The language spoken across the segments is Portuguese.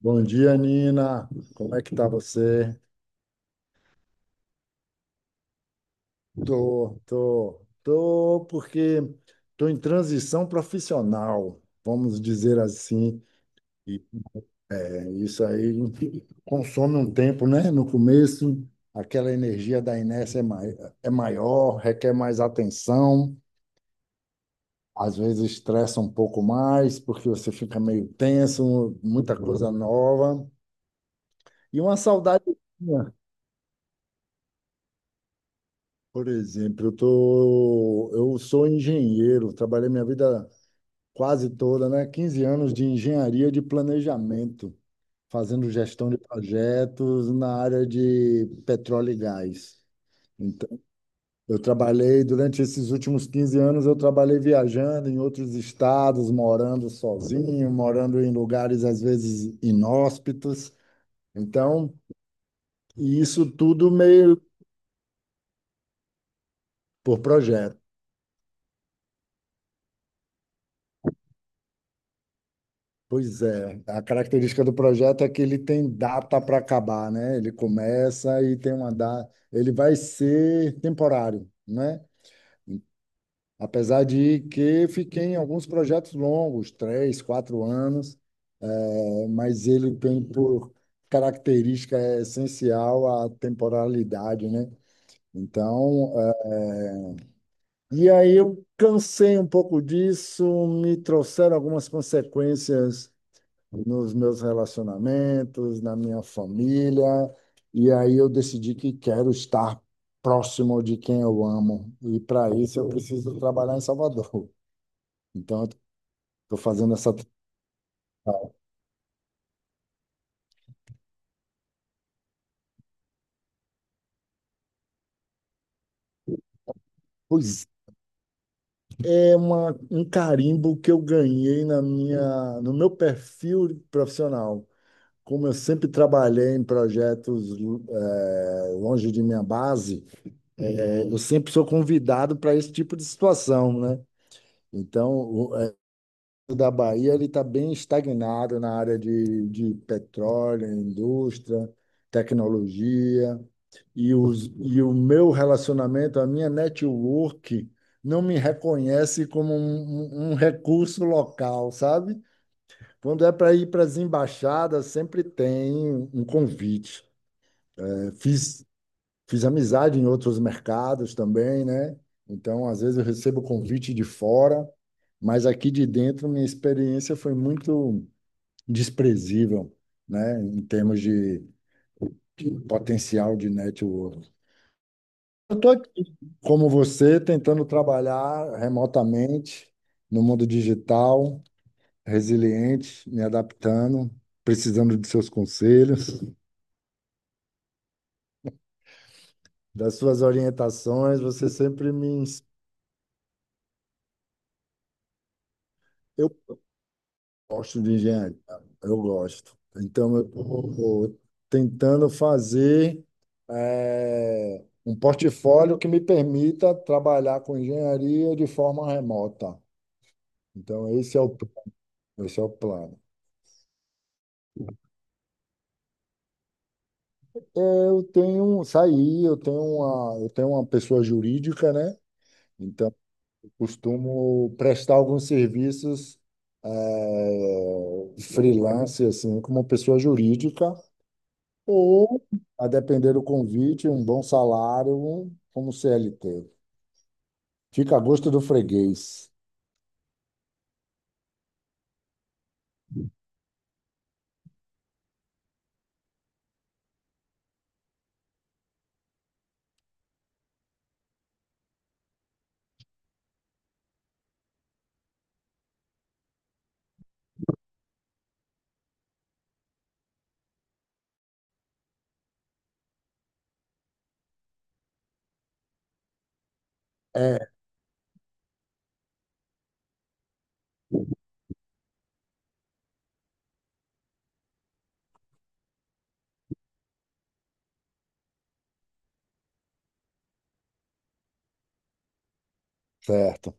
Bom dia, Nina. Como é que tá você? Tô, porque tô em transição profissional, vamos dizer assim. E isso aí consome um tempo, né? No começo, aquela energia da inércia é maior, requer mais atenção, às vezes estressa um pouco mais, porque você fica meio tenso, muita coisa nova. E uma saudade Por exemplo, eu sou engenheiro, trabalhei minha vida quase toda, né? 15 anos de engenharia de planejamento, fazendo gestão de projetos na área de petróleo e gás. Então, eu trabalhei durante esses últimos 15 anos, eu trabalhei viajando em outros estados, morando sozinho, morando em lugares às vezes inóspitos. Então, e isso tudo meio por projeto. Pois é, a característica do projeto é que ele tem data para acabar, né? Ele começa e tem uma data. Ele vai ser temporário, né? Apesar de que fiquei em alguns projetos longos, 3, 4 anos, mas ele tem por característica essencial a temporalidade, né? Então, e aí eu cansei um pouco disso, me trouxeram algumas consequências nos meus relacionamentos, na minha família, e aí eu decidi que quero estar próximo de quem eu amo, e para isso eu preciso trabalhar em Salvador. Então, eu estou fazendo essa. Pois é uma, um carimbo que eu ganhei na minha, no meu perfil profissional. Como eu sempre trabalhei em projetos longe de minha base, eu sempre sou convidado para esse tipo de situação, né? Então, da Bahia ele está bem estagnado na área de petróleo, indústria, tecnologia e, os, e o meu relacionamento, a minha network não me reconhece como um recurso local, sabe? Quando é para ir para as embaixadas, sempre tem um convite. É, fiz amizade em outros mercados também, né? Então, às vezes eu recebo convite de fora, mas aqui de dentro minha experiência foi muito desprezível, né, em termos de potencial de network. Eu estou aqui, como você, tentando trabalhar remotamente no mundo digital, resiliente, me adaptando, precisando de seus conselhos, das suas orientações. Você sempre me. Eu gosto de engenharia, eu gosto. Então, eu estou tentando fazer um portfólio que me permita trabalhar com engenharia de forma remota. Então, esse é o plano. Eu tenho, saí, eu tenho uma pessoa jurídica, né? Então, eu costumo prestar alguns serviços freelance, assim, como pessoa jurídica. Ou, a depender do convite, um bom salário, como CLT. Fica a gosto do freguês. É, certo.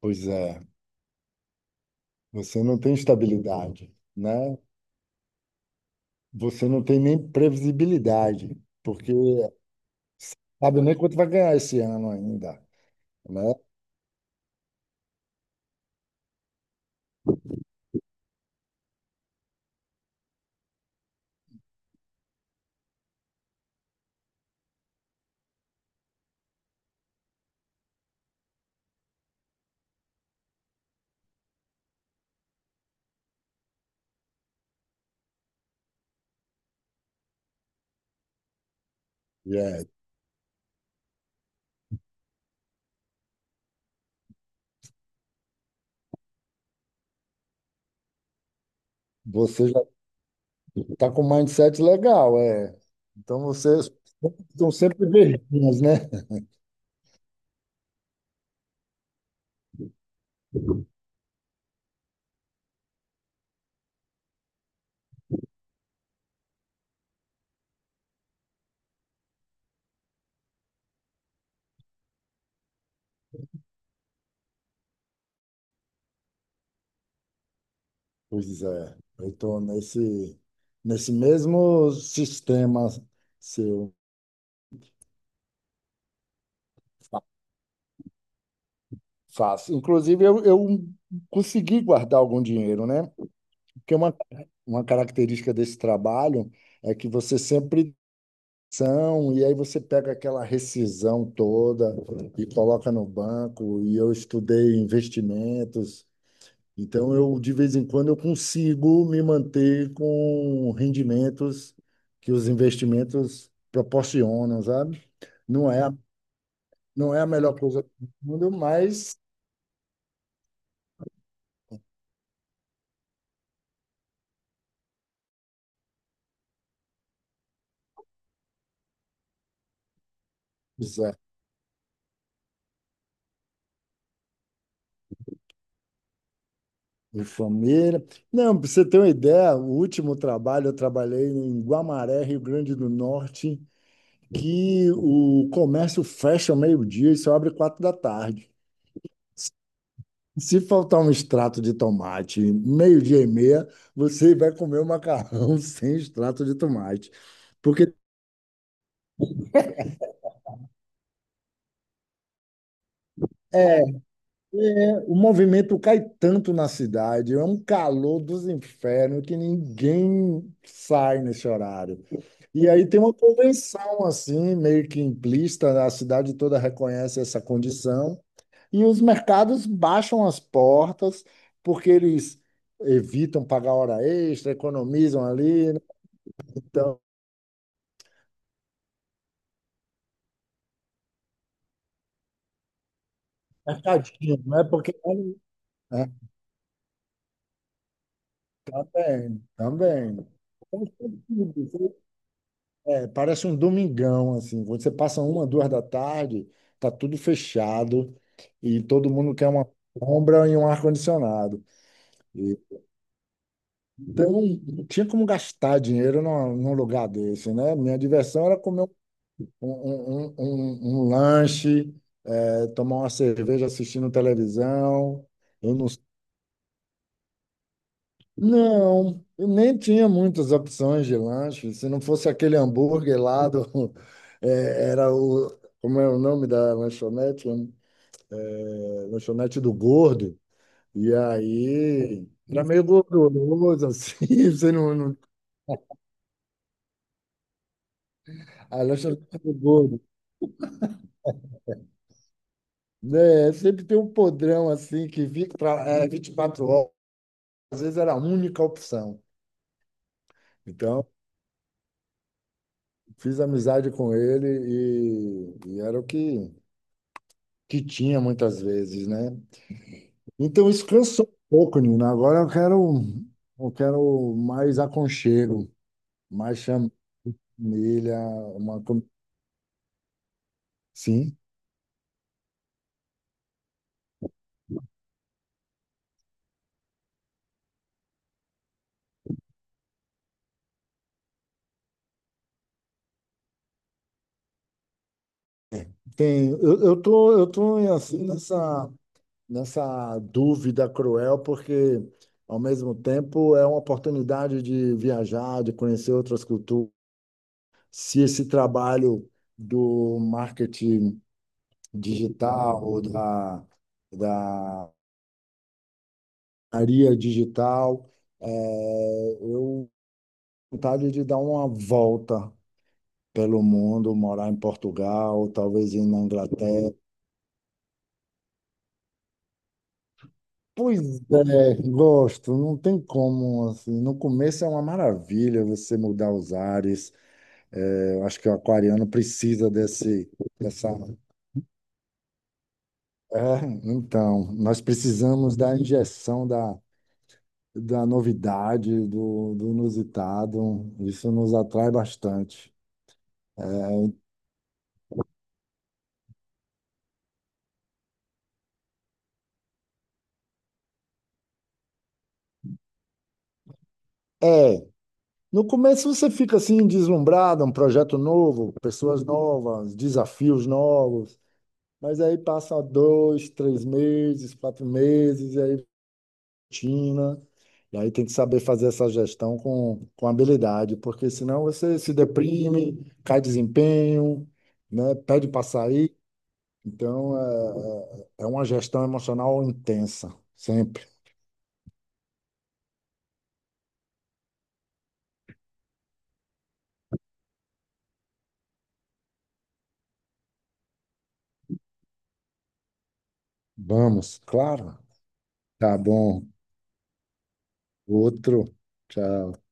Pois é. Você não tem estabilidade, né? Você não tem nem previsibilidade, porque sabe nem quanto vai ganhar esse ano ainda, né? E você já está com um mindset legal, é. Então vocês estão sempre verdinhas, né? Pois é. Eu estou nesse mesmo sistema seu. Faço. Inclusive, eu consegui guardar algum dinheiro, né? Porque uma característica desse trabalho é que você sempre são, e aí você pega aquela rescisão toda e coloca no banco, e eu estudei investimentos, então eu, de vez em quando, eu consigo me manter com rendimentos que os investimentos proporcionam, sabe? Não é, não é a melhor coisa do mundo, mas de família. Não, para você ter uma ideia, o último trabalho eu trabalhei em Guamaré, Rio Grande do Norte, que o comércio fecha ao meio-dia e só abre quatro da tarde. Se faltar um extrato de tomate, meio-dia e meia, você vai comer o macarrão sem extrato de tomate. Porque é, é, o movimento cai tanto na cidade, é um calor dos infernos que ninguém sai nesse horário. E aí tem uma convenção assim, meio que implícita, a cidade toda reconhece essa condição, e os mercados baixam as portas porque eles evitam pagar hora extra, economizam ali, né? Então, mercadinho, não é porque é, um, é também, também. Então, é, parece um domingão assim, você passa uma, duas da tarde, tá tudo fechado e todo mundo quer uma sombra e um ar-condicionado. Então, não tinha como gastar dinheiro num lugar desse, né? Minha diversão era comer um lanche, tomar uma cerveja assistindo televisão. Eu não, não, eu nem tinha muitas opções de lanche. Se não fosse aquele hambúrguer lá do, era o, como é o nome da lanchonete? Lanchonete do Gordo. E aí, era meio gorduroso, assim, você não, não, a lanchonete do Gordo. Né, sempre tem um podrão assim que vi, pra, 24 horas, às vezes era a única opção. Então, fiz amizade com ele e era o que, que tinha muitas vezes, né? Então, isso cansou um pouco, Nina. Agora eu quero mais aconchego, mais família, uma... com- Sim, tem. Eu tô assim nessa dúvida cruel, porque ao mesmo tempo é uma oportunidade de viajar, de conhecer outras culturas. Se esse trabalho do marketing digital, ou da, da área digital, eu tenho vontade de dar uma volta pelo mundo, morar em Portugal, talvez ir na Inglaterra, pois é, gosto, não tem como, assim, no começo é uma maravilha você mudar os ares, é, eu acho que o aquariano precisa desse, dessa, é, então, nós precisamos da injeção da novidade, do inusitado, isso nos atrai bastante. É, no começo você fica assim, deslumbrado, um projeto novo, pessoas novas, desafios novos, mas aí passa 2, 3 meses, 4 meses, e aí rotina, e aí tem que saber fazer essa gestão com habilidade, porque senão você se deprime, cai desempenho, né? Pede para sair. Então, é uma gestão emocional intensa, sempre. Vamos, claro. Tá bom. Outro. Tchau.